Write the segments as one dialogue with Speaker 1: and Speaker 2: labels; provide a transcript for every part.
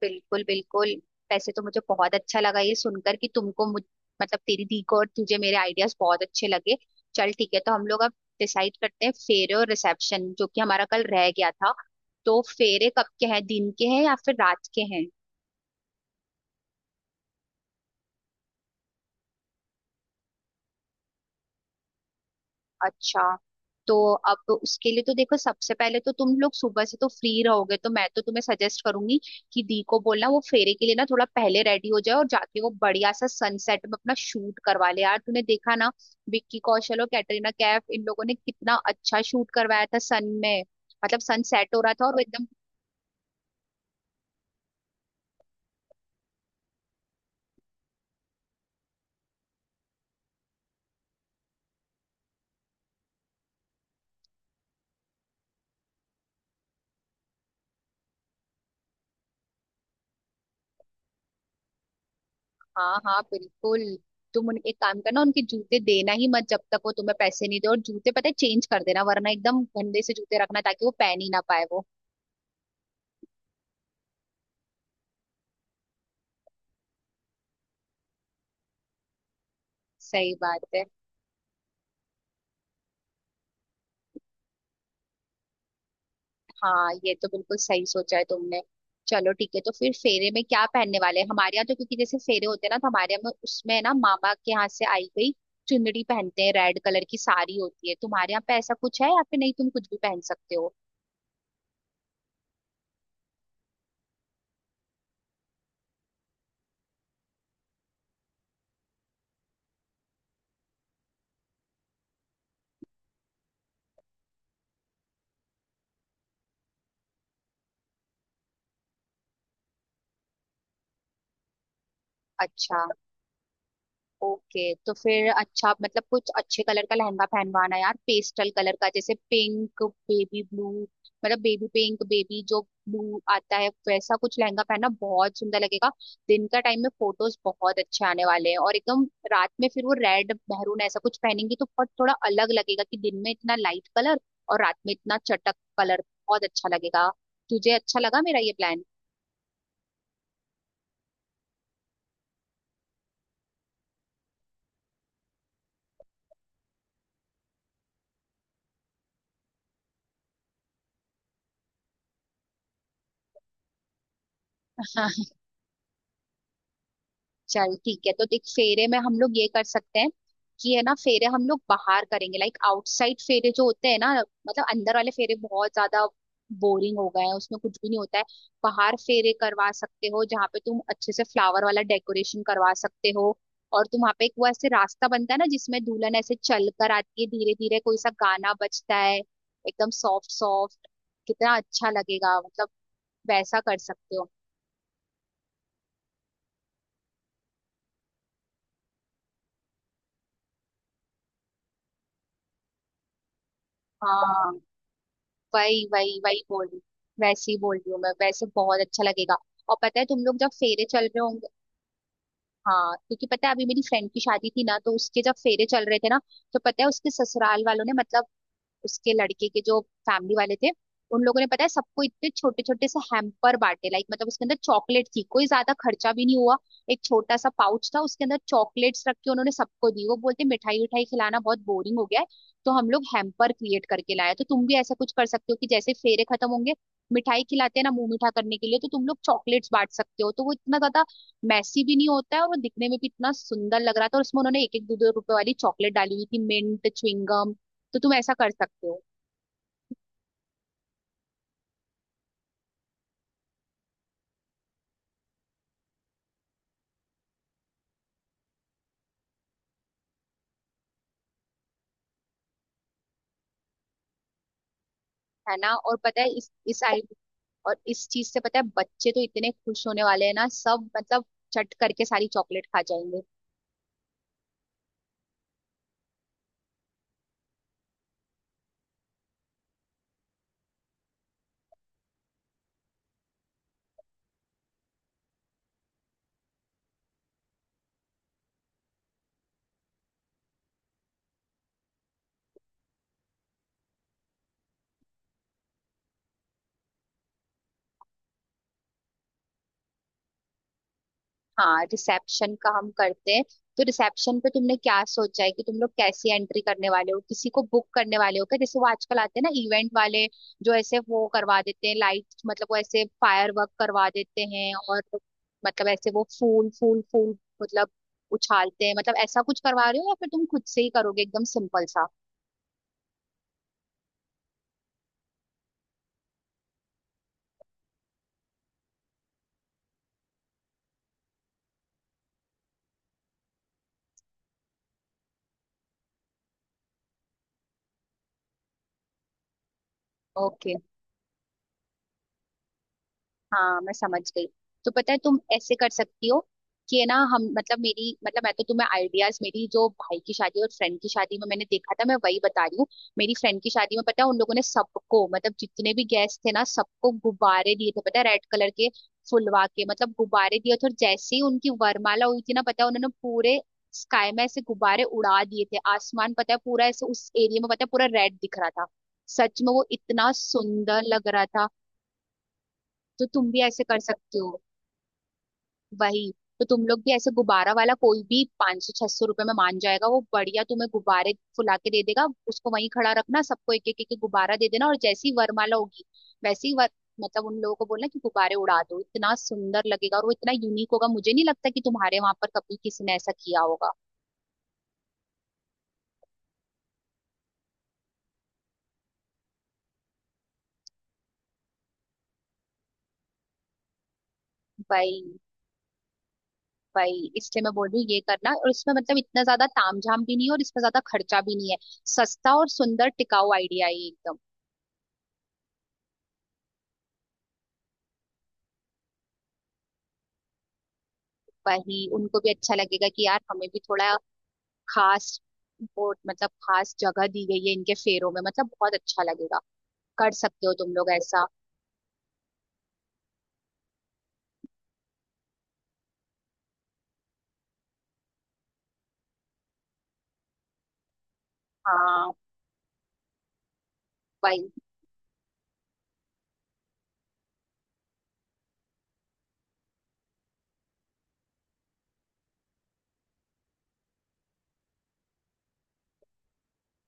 Speaker 1: बिल्कुल बिल्कुल। वैसे तो मुझे बहुत अच्छा लगा ये सुनकर कि तुमको मुझ मतलब तेरी दी को और तुझे मेरे आइडियाज बहुत अच्छे लगे। चल ठीक है, तो हम लोग अब डिसाइड करते हैं फेरे और रिसेप्शन, जो कि हमारा कल रह गया था। तो फेरे कब के हैं, दिन के हैं या फिर रात के हैं? अच्छा, तो अब उसके लिए तो देखो, सबसे पहले तो तुम लोग सुबह से तो फ्री रहोगे, तो मैं तो तुम्हें सजेस्ट करूंगी कि दी को बोलना वो फेरे के लिए ना थोड़ा पहले रेडी हो जाए और जाके वो बढ़िया सा सनसेट में अपना शूट करवा ले। यार, तूने देखा ना विक्की कौशल और कैटरीना कैफ इन लोगों ने कितना अच्छा शूट करवाया था सन में। मतलब सनसेट हो रहा था और वो एकदम। हाँ हाँ बिल्कुल। तुम उन एक काम करना, उनके जूते देना ही मत जब तक वो तुम्हें पैसे नहीं दे, और जूते पता है चेंज कर देना, वरना एकदम गंदे से जूते रखना ताकि वो पहन ही ना पाए वो। सही बात है। हाँ, ये तो बिल्कुल सही सोचा है तुमने। चलो ठीक है, तो फिर फेरे में क्या पहनने वाले हैं? हमारे यहाँ तो, क्योंकि जैसे फेरे होते हैं ना, तो हमारे यहाँ में उसमें ना मामा के यहाँ से आई गई चुनरी पहनते हैं, रेड कलर की साड़ी होती है। तुम्हारे यहाँ पे ऐसा कुछ है या फिर नहीं, तुम कुछ भी पहन सकते हो? अच्छा। ओके, तो फिर अच्छा, मतलब कुछ अच्छे कलर का लहंगा पहनवाना यार, पेस्टल कलर का, जैसे पिंक, बेबी ब्लू। मतलब बेबी पिंक, बेबी जो ब्लू आता है, वैसा कुछ लहंगा पहनना बहुत सुंदर लगेगा। दिन का टाइम में फोटोज बहुत अच्छे आने वाले हैं और एकदम। रात में फिर वो रेड मेहरून ऐसा कुछ पहनेंगी तो बहुत थोड़ा अलग लगेगा कि दिन में इतना लाइट कलर और रात में इतना चटक कलर, बहुत अच्छा लगेगा। तुझे अच्छा लगा मेरा ये प्लान? चल ठीक है, तो देख फेरे में हम लोग ये कर सकते हैं कि है ना, फेरे हम लोग बाहर करेंगे, लाइक आउटसाइड फेरे जो होते हैं ना। मतलब अंदर वाले फेरे बहुत ज्यादा बोरिंग हो गए हैं, उसमें कुछ भी नहीं होता है। बाहर फेरे करवा सकते हो जहाँ पे तुम अच्छे से फ्लावर वाला डेकोरेशन करवा सकते हो। और तुम वहाँ पे एक वो ऐसे रास्ता बनता है ना जिसमें दुल्हन ऐसे चल कर आती है धीरे धीरे, कोई सा गाना बजता है एकदम सॉफ्ट सॉफ्ट। कितना अच्छा लगेगा मतलब। वैसा कर सकते हो। हाँ। वही वही वही बोल रही, वैसे ही बोल रही हूँ मैं। वैसे बहुत अच्छा लगेगा। और पता है, तुम लोग जब फेरे चल रहे होंगे, हाँ, क्योंकि पता है अभी मेरी फ्रेंड की शादी थी ना, तो उसके जब फेरे चल रहे थे ना, तो पता है उसके ससुराल वालों ने, मतलब उसके लड़के के जो फैमिली वाले थे, उन लोगों ने पता है सबको इतने छोटे छोटे से हैम्पर बांटे, लाइक मतलब उसके अंदर चॉकलेट थी, कोई ज्यादा खर्चा भी नहीं हुआ। एक छोटा सा पाउच था, उसके अंदर चॉकलेट्स रख के उन्होंने सबको दी। वो बोलते मिठाई विठाई खिलाना बहुत बोरिंग हो गया है, तो हम लोग हैम्पर क्रिएट करके लाए। तो तुम भी ऐसा कुछ कर सकते हो कि जैसे फेरे खत्म होंगे, मिठाई खिलाते हैं ना मुंह मीठा करने के लिए, तो तुम लोग चॉकलेट्स बांट सकते हो। तो वो इतना ज्यादा मैसी भी नहीं होता है और वो दिखने में भी इतना सुंदर लग रहा था, और उसमें उन्होंने एक एक दो दो रुपए वाली चॉकलेट डाली हुई थी, मिंट च्युइंगम। तो तुम ऐसा कर सकते हो। है ना, और पता है इस आइडिया और इस चीज से पता है बच्चे तो इतने खुश होने वाले हैं ना सब, मतलब चट करके सारी चॉकलेट खा जाएंगे। हाँ, रिसेप्शन का हम करते हैं। तो रिसेप्शन पे तुमने क्या सोचा है कि तुम लोग कैसी एंट्री करने वाले हो? किसी को बुक करने वाले हो क्या, जैसे वो आजकल आते हैं ना इवेंट वाले, जो ऐसे वो करवा देते हैं लाइट, मतलब वो ऐसे फायर वर्क करवा देते हैं? और मतलब ऐसे वो फूल फूल फूल, मतलब उछालते हैं, मतलब ऐसा कुछ करवा रहे हो या फिर तुम खुद से ही करोगे एकदम सिंपल सा? ओके। हाँ मैं समझ गई। तो पता है तुम ऐसे कर सकती हो कि है ना, हम मतलब मेरी मतलब, मैं तो तुम्हें आइडियाज मेरी जो भाई की शादी और फ्रेंड की शादी में मैंने देखा था, मैं वही बता रही हूँ। मेरी फ्रेंड की शादी में पता है उन लोगों ने सबको, मतलब जितने भी गेस्ट थे ना, सबको गुब्बारे दिए थे, पता है रेड कलर के, फुलवा के, मतलब गुब्बारे दिए थे। और जैसे ही उनकी वरमाला हुई थी ना, पता है उन्होंने पूरे स्काई में ऐसे गुब्बारे उड़ा दिए थे। आसमान पता है पूरा ऐसे उस एरिया में, पता है पूरा रेड दिख रहा था। सच में वो इतना सुंदर लग रहा था। तो तुम भी ऐसे कर सकते हो। वही। तो तुम लोग भी ऐसे गुब्बारा वाला कोई भी 500 छह सौ रुपए में मान जाएगा, वो बढ़िया तुम्हें गुब्बारे फुला के दे देगा, उसको वहीं खड़ा रखना, सबको एक एक एक एक गुब्बारा दे देना, और जैसी वरमाला होगी वैसे ही वर, मतलब उन लोगों को बोलना कि गुब्बारे उड़ा दो। इतना सुंदर लगेगा और वो इतना यूनिक होगा, मुझे नहीं लगता कि तुम्हारे वहां पर कभी किसी ने ऐसा किया होगा। भाई, भाई इसलिए मैं बोल रही हूँ ये करना, और इसमें मतलब इतना ज्यादा तामझाम भी नहीं है, और इसमें ज्यादा खर्चा भी नहीं है। सस्ता और सुंदर टिकाऊ आइडिया है ये एकदम। वही, उनको भी अच्छा लगेगा कि यार हमें भी थोड़ा खास बोर्ड, मतलब खास जगह दी गई है इनके फेरों में, मतलब बहुत अच्छा लगेगा। कर सकते हो तुम लोग ऐसा। हाँ। वही।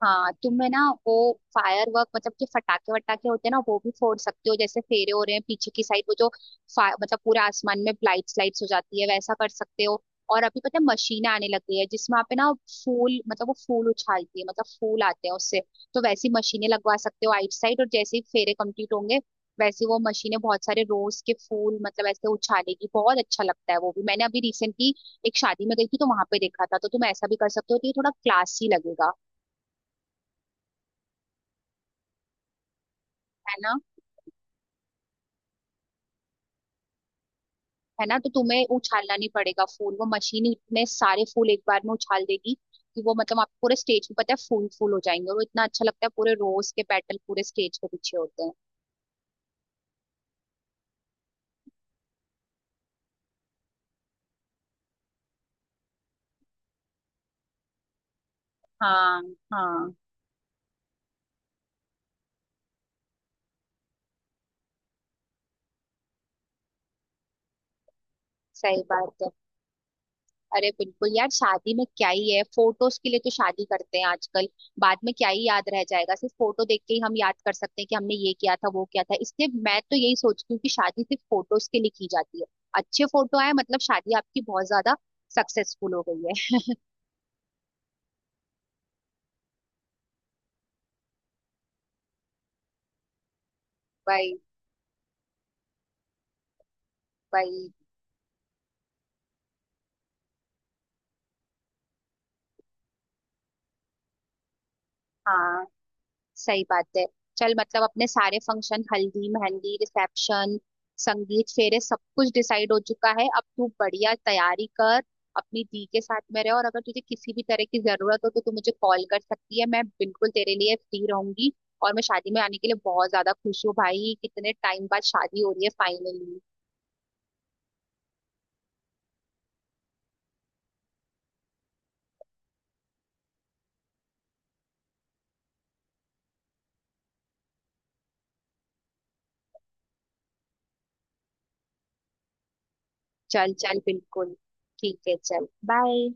Speaker 1: हाँ, तुम्हें ना वो फायर वर्क, मतलब जो फटाके वटाके होते हैं ना, वो भी फोड़ सकते हो, जैसे फेरे हो रहे हैं पीछे की साइड वो जो मतलब पूरे आसमान में लाइट्स लाइट्स हो जाती है, वैसा कर सकते हो। और अभी पता है मशीनें आने लग गई है जिसमें आप है ना फूल, मतलब वो फूल उछालती है, मतलब फूल आते हैं उससे। तो वैसी मशीनें लगवा सकते हो आइट साइड, और जैसे ही फेरे कंप्लीट होंगे, वैसे वो मशीनें बहुत सारे रोज के फूल मतलब ऐसे उछालेगी। बहुत अच्छा लगता है वो भी, मैंने अभी रिसेंटली एक शादी में गई थी तो वहां पे देखा था, तो तुम ऐसा भी कर सकते हो। तो ये थोड़ा क्लासी लगेगा। है ना। है ना, तो तुम्हें उछालना नहीं पड़ेगा फूल, वो मशीन इतने सारे फूल एक बार में उछाल देगी कि वो मतलब आप पूरे स्टेज पे पता है फूल फूल हो जाएंगे, और वो इतना अच्छा लगता है, पूरे रोज के पेटल पूरे स्टेज के पीछे होते हैं। हाँ। हाँ। सही बात है। अरे बिल्कुल यार, शादी में क्या ही है, फोटोज के लिए तो शादी करते हैं आजकल। बाद में क्या ही याद रह जाएगा, सिर्फ फोटो देख के ही हम याद कर सकते हैं कि हमने ये किया था वो किया था, इसलिए मैं तो यही सोचती हूँ कि शादी सिर्फ फोटोज के लिए की जाती है। अच्छे फोटो आए मतलब शादी आपकी बहुत ज्यादा सक्सेसफुल हो गई। है वही। हाँ सही बात है। चल मतलब अपने सारे फंक्शन, हल्दी, मेहंदी, रिसेप्शन, संगीत, फेरे, सब कुछ डिसाइड हो चुका है। अब तू बढ़िया तैयारी कर, अपनी दी के साथ में रह, और अगर तुझे किसी भी तरह की जरूरत हो तो तू मुझे कॉल कर सकती है, मैं बिल्कुल तेरे लिए फ्री रहूंगी। और मैं शादी में आने के लिए बहुत ज्यादा खुश हूँ भाई, कितने टाइम बाद शादी हो रही है फाइनली। चल चल बिल्कुल। ठीक है चल। बाय।